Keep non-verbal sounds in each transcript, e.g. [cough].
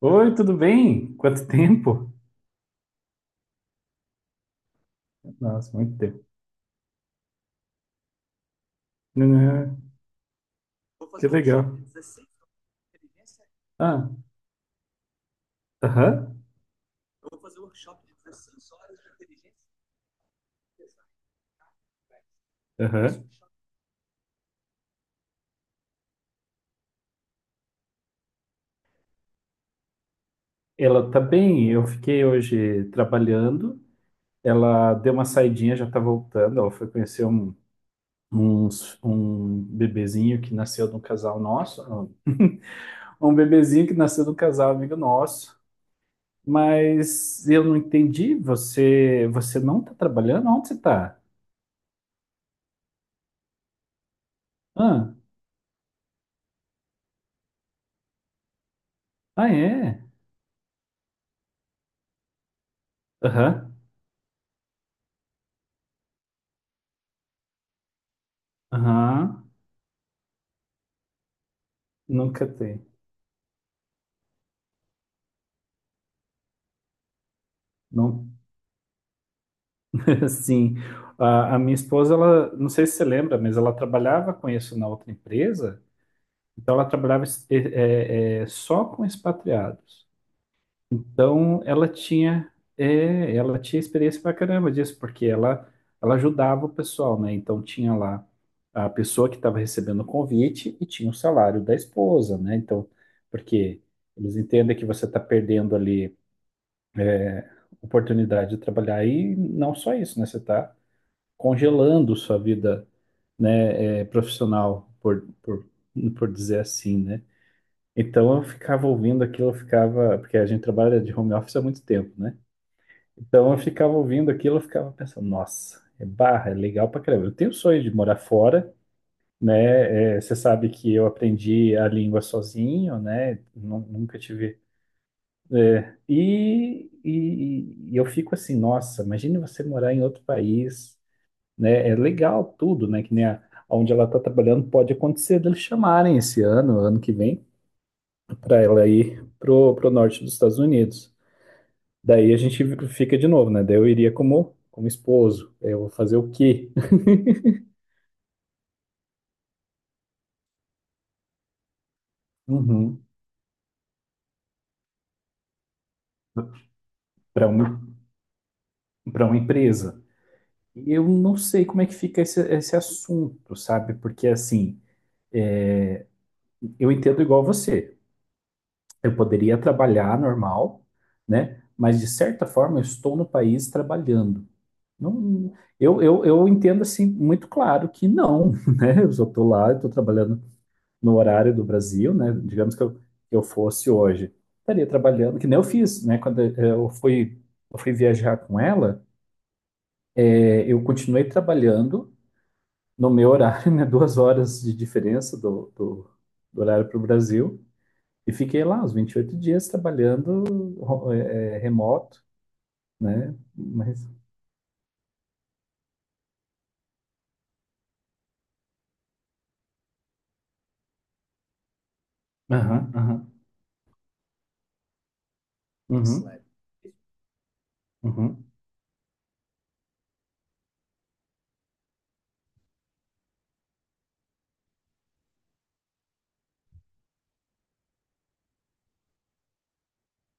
Oi, tudo bem? Quanto tempo? Nossa, muito tempo. Né? fazer Que legal. Ah, aham, aham. Ela tá bem. Eu fiquei hoje trabalhando. Ela deu uma saidinha, já tá voltando. Ela foi conhecer um bebezinho que nasceu de um casal nosso. Um bebezinho que nasceu de um casal amigo nosso. Mas eu não entendi. Você não tá trabalhando? Onde você tá? Ah, ah é? Aham, aham. Nunca tem. Não, [laughs] assim, a minha esposa, ela, não sei se você lembra, mas ela trabalhava com isso na outra empresa, então ela trabalhava só com expatriados. Então ela tinha, ela tinha experiência pra caramba disso, porque ela ajudava o pessoal, né? Então tinha lá a pessoa que estava recebendo o convite e tinha o salário da esposa, né? Então, porque eles entendem que você está perdendo ali oportunidade de trabalhar e não só isso, né? Você está congelando sua vida, né, profissional, por dizer assim, né? Então eu ficava ouvindo aquilo, eu ficava, porque a gente trabalha de home office há muito tempo, né? Então eu ficava ouvindo aquilo, eu ficava pensando, nossa, é barra, é legal pra caramba. Eu tenho o sonho de morar fora, né? É, você sabe que eu aprendi a língua sozinho, né? Nunca tive. E eu fico assim, nossa, imagine você morar em outro país, né? É legal tudo, né? Que nem onde ela está trabalhando, pode acontecer deles chamarem esse ano, ano que vem, para ela ir pro norte dos Estados Unidos. Daí a gente fica de novo, né? Daí eu iria como esposo. É, eu vou fazer o quê? [laughs] Uhum. Para uma, para uma empresa. E eu não sei como é que fica esse assunto, sabe? Porque assim, é, eu entendo igual você. Eu poderia trabalhar normal, né? Mas de certa forma eu estou no país trabalhando. Não, eu entendo assim muito claro que não, [laughs] né? Eu só estou lá, estou trabalhando no horário do Brasil, né? Digamos que eu fosse hoje, estaria trabalhando, que nem eu fiz, né? Quando eu fui viajar com ela, eu continuei trabalhando no meu horário, [laughs] né? 2 horas de diferença do, do horário para o Brasil, e fiquei lá os 28 dias trabalhando remoto, né? Mas. Aham, aham, uhum, uhum,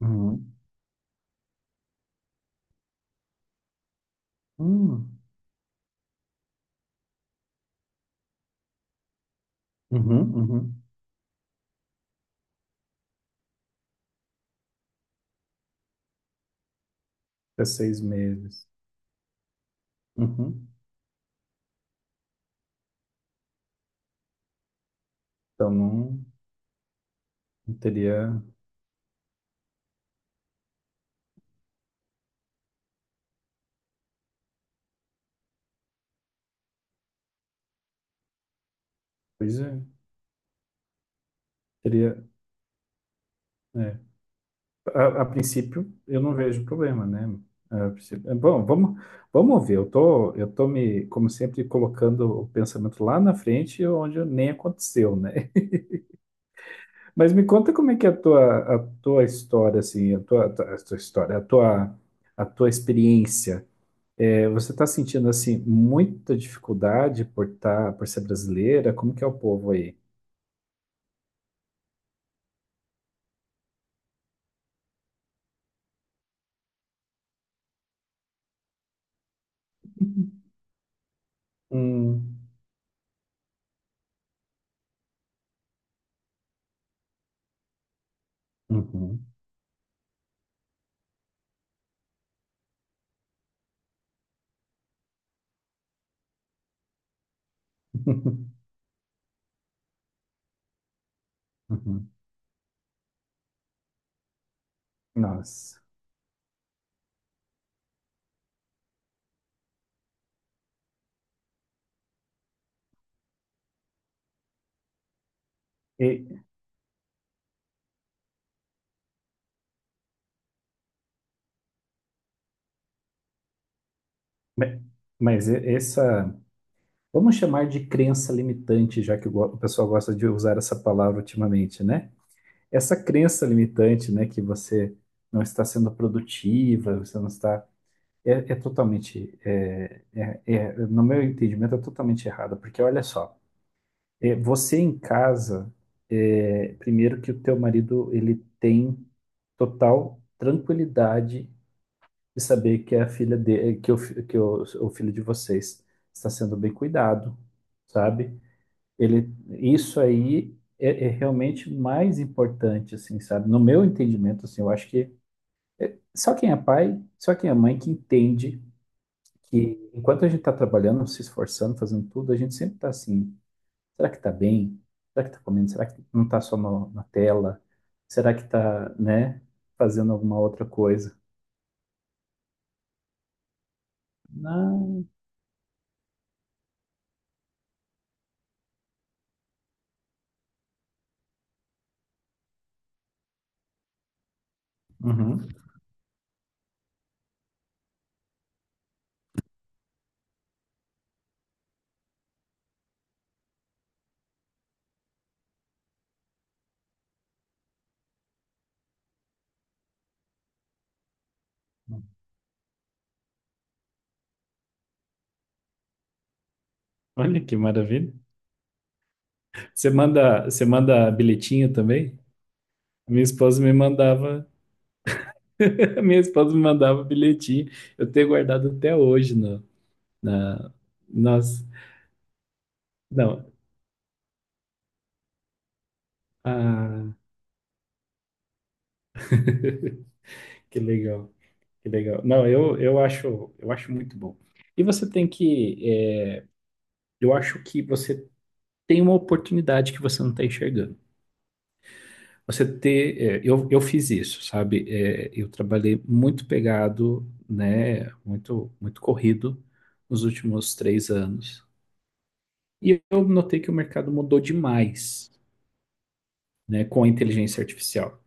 uhum, uhum. Hum. Uhum, uhum. Fica 6 meses. Uhum. Então não, não teria. Pois é, teria. É. A princípio, eu não vejo problema, né? Bom, vamos ver. Eu tô me, como sempre, colocando o pensamento lá na frente, onde nem aconteceu, né? [laughs] Mas me conta como é que é a tua história, assim, a tua história, a tua experiência. É, você está sentindo assim muita dificuldade por ser brasileira? Como que é o povo aí? Hum, uhum, [laughs] uhum. Nossa. E- me- essa, vamos chamar de crença limitante, já que o pessoal gosta de usar essa palavra ultimamente, né? Essa crença limitante, né, que você não está sendo produtiva, você não está, totalmente, no meu entendimento, é totalmente errada, porque olha só. É, você em casa, primeiro que o teu marido ele tem total tranquilidade de saber que a filha de, que, o, o filho de vocês está sendo bem cuidado, sabe? Isso aí é realmente mais importante, assim, sabe? No meu entendimento, assim, eu acho que só quem é pai, só quem é mãe que entende que enquanto a gente está trabalhando, se esforçando, fazendo tudo, a gente sempre está assim. Será que está bem? Será que está comendo? Será que não está só na tela? Será que está, né, fazendo alguma outra coisa? Não. Uhum. Olha que maravilha. Você manda bilhetinho também? Minha esposa me mandava, [laughs] minha esposa me mandava bilhetinho. Eu tenho guardado até hoje na, nossa, não. Ah, [laughs] que legal, que legal. Não, eu acho muito bom. E você eu acho que você tem uma oportunidade que você não está enxergando. Você ter, é, eu fiz isso, sabe? É, eu trabalhei muito pegado, né? Muito, muito corrido nos últimos 3 anos. E eu notei que o mercado mudou demais, né? Com a inteligência artificial.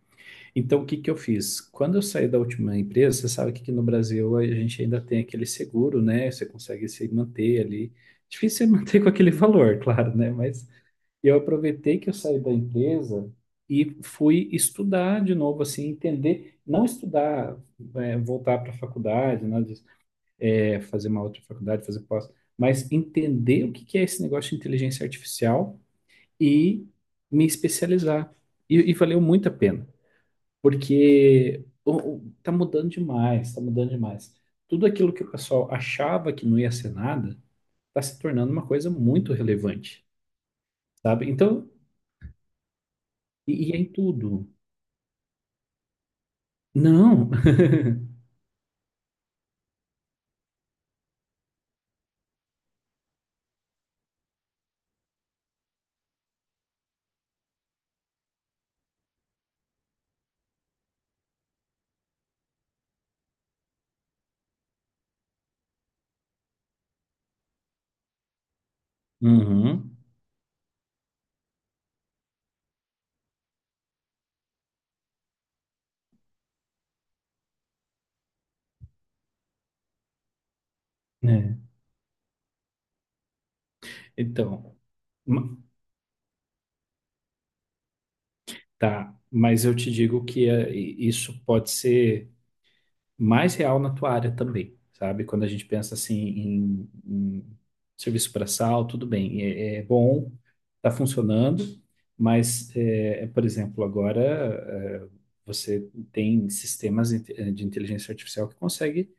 Então, o que que eu fiz? Quando eu saí da última empresa, você sabe que aqui no Brasil a gente ainda tem aquele seguro, né? Você consegue se manter ali. Difícil é [laughs] manter com aquele valor, claro, né? E eu aproveitei que eu saí da empresa e fui estudar de novo, assim, entender, não estudar, voltar para a faculdade, né, fazer uma outra faculdade, fazer pós, mas entender o que que é esse negócio de inteligência artificial e me especializar. E valeu muito a pena, porque tá mudando demais, tá mudando demais. Tudo aquilo que o pessoal achava que não ia ser nada, está se tornando uma coisa muito relevante, sabe? Então, e é em tudo. Não. Uhum. É. Então, ma- tá. Mas eu te digo que isso pode ser mais real na tua área também, sabe? Quando a gente pensa assim em serviço braçal, tudo bem, é bom, tá funcionando, mas, por exemplo, agora é, você tem sistemas de inteligência artificial que consegue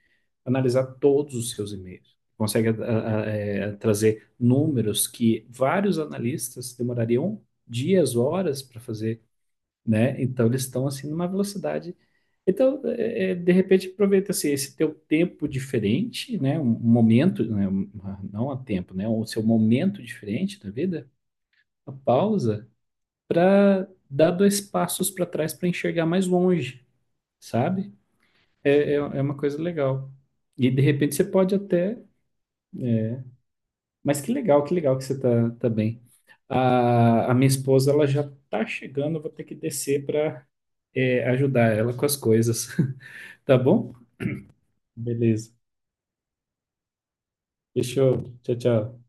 analisar todos os seus e-mails. Consegue trazer números que vários analistas demorariam dias, horas para fazer, né? Então eles estão assim numa velocidade. Então, de repente, aproveita assim, esse teu tempo diferente, né? Um momento, né? Não há tempo, né? O seu momento diferente da vida, a pausa, para dar dois passos para trás para enxergar mais longe, sabe? É uma coisa legal. E de repente você pode até. Mas que legal, que legal que você tá bem. A minha esposa, ela já tá chegando, eu vou ter que descer para ajudar ela com as coisas. [laughs] Tá bom? Beleza. Fechou. Tchau, tchau.